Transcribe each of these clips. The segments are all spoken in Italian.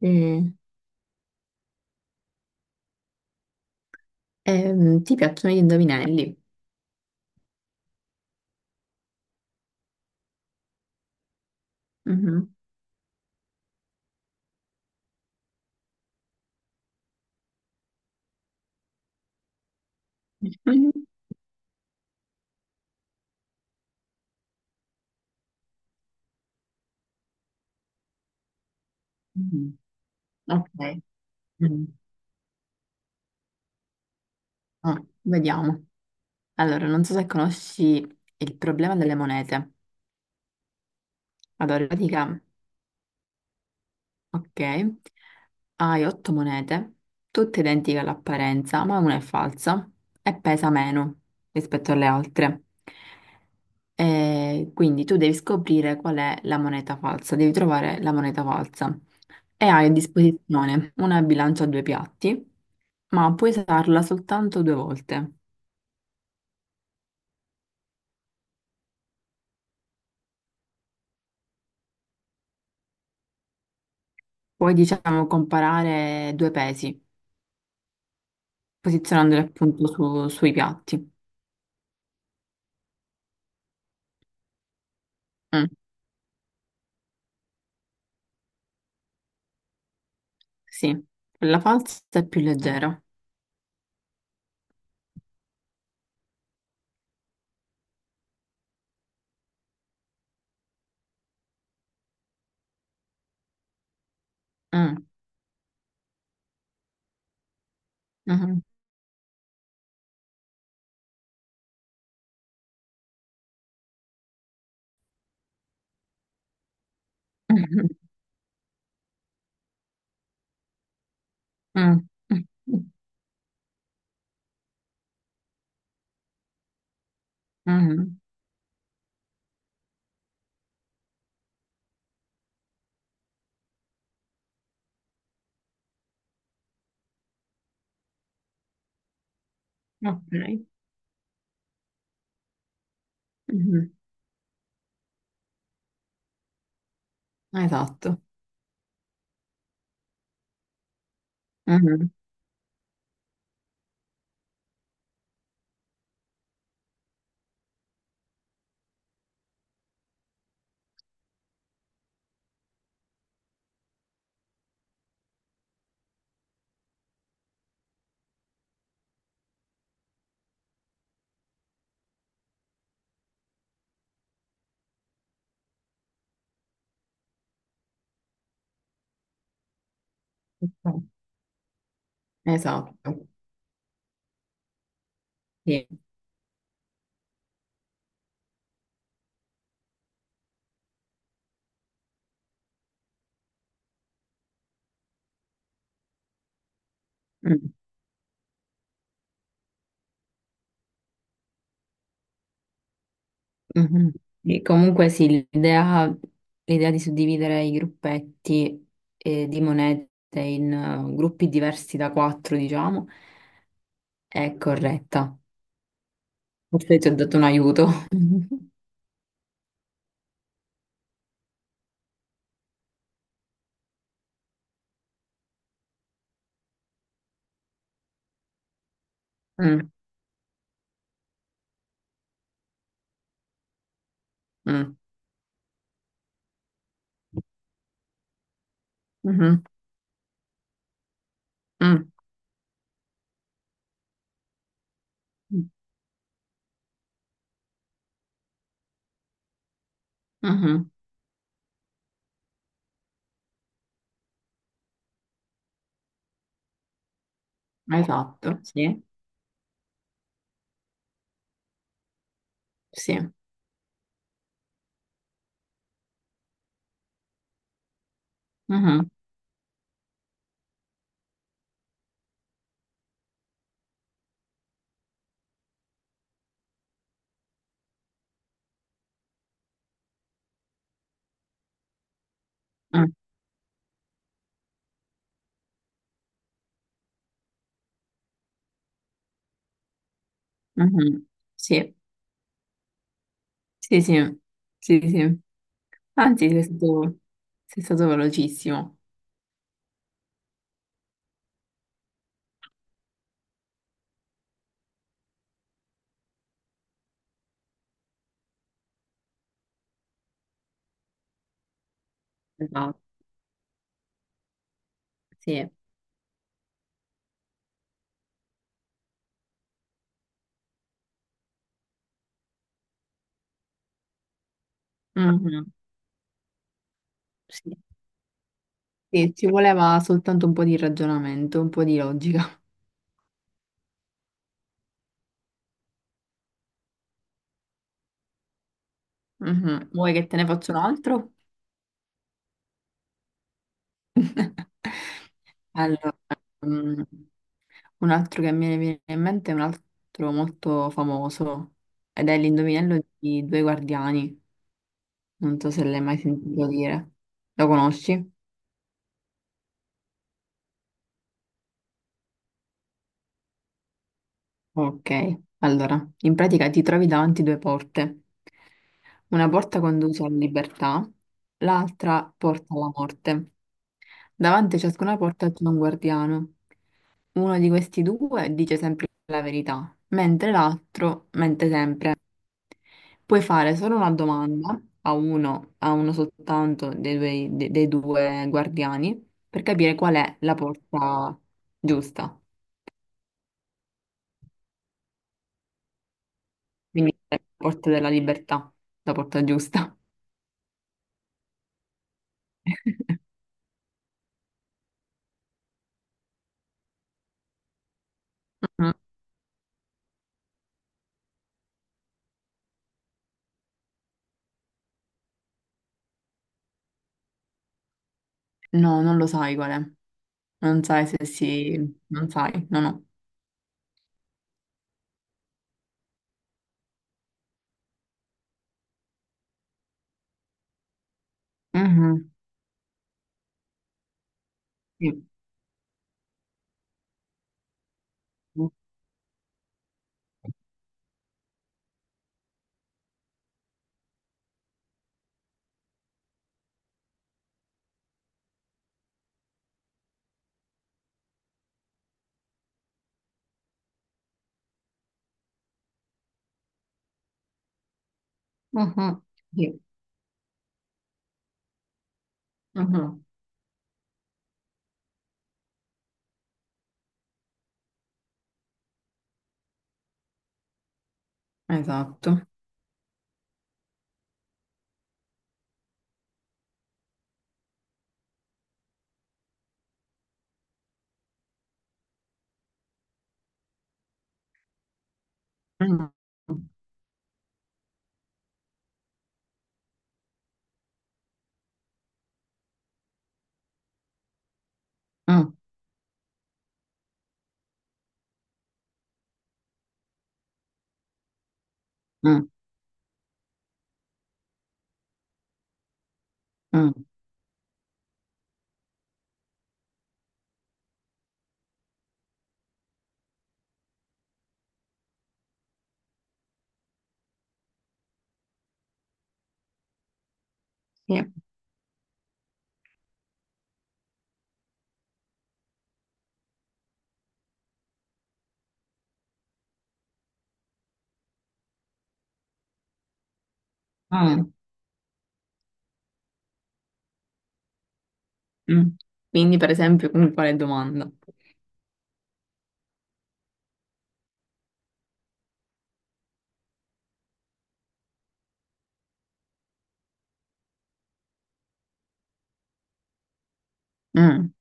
Mm. Ti piacciono gli indovinelli? Mhm. Mhm. Mhm. Ok. Mm. Oh, vediamo. Allora, non so se conosci il problema delle monete. Allora, in pratica, ok, hai 8 monete, tutte identiche all'apparenza, ma una è falsa e pesa meno rispetto alle altre. E quindi tu devi scoprire qual è la moneta falsa, devi trovare la moneta falsa. E hai a disposizione una bilancia a 2 piatti, ma puoi usarla soltanto 2 volte. Puoi, diciamo, comparare 2 pesi, posizionandoli appunto sui piatti. Mm, sì, quella falsa è più leggera. Ah, ah, ah, ah, ah, ok. Mhm. Esatto. Mhm. Esatto. Sì. Mm, mhm. Sì, comunque sì, l'idea di suddividere i gruppetti di monete in gruppi diversi da 4, diciamo, è corretta. Forse ti ho dato un aiuto. Mm, mm, mhm, mm, mhm. Esatto, sì, sì. Mm-hmm. Mm. Mhm. Sì, sì, sì, sì, sì. Anzi, sei stato velocissimo. Esatto, sì. Mhm. Sì. Sì, ci voleva soltanto un po' di ragionamento, un po' di logica. Mhm. Vuoi che te ne faccia un altro? Allora, mm, un altro che mi viene in mente è un altro molto famoso ed è l'indovinello di Due Guardiani. Non so se l'hai mai sentito dire. Lo conosci? Ok, allora, in pratica ti trovi davanti 2 porte. Una porta conduce alla libertà, l'altra porta alla morte. Davanti a ciascuna porta c'è un guardiano. Uno di questi due dice sempre la verità, mentre l'altro mente sempre. Puoi fare solo una domanda a uno, soltanto dei due guardiani per capire qual è la porta giusta. Quindi la porta della libertà, la porta giusta. No, non lo sai qual è. Non sai se si. Non sai, no, no. Mhm, sì. Mhm, sì. Mhm, esatto. Mm, mm, mm, mm, sì. Mm, mm. Quindi, per esempio, con quale domanda? Mm,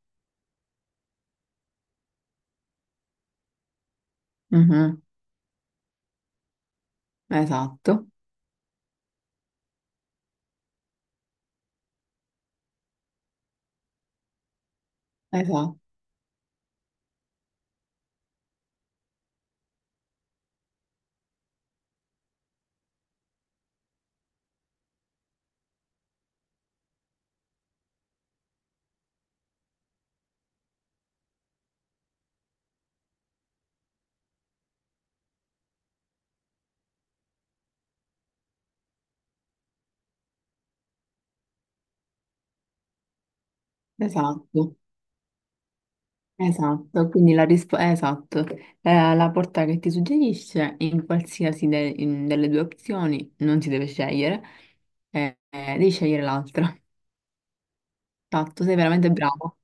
mhm, esatto, esatto, esatto. Esatto, quindi la risposta esatto. La porta che ti suggerisce in qualsiasi delle 2 opzioni non si deve scegliere, devi scegliere l'altra. Esatto, sei veramente bravo.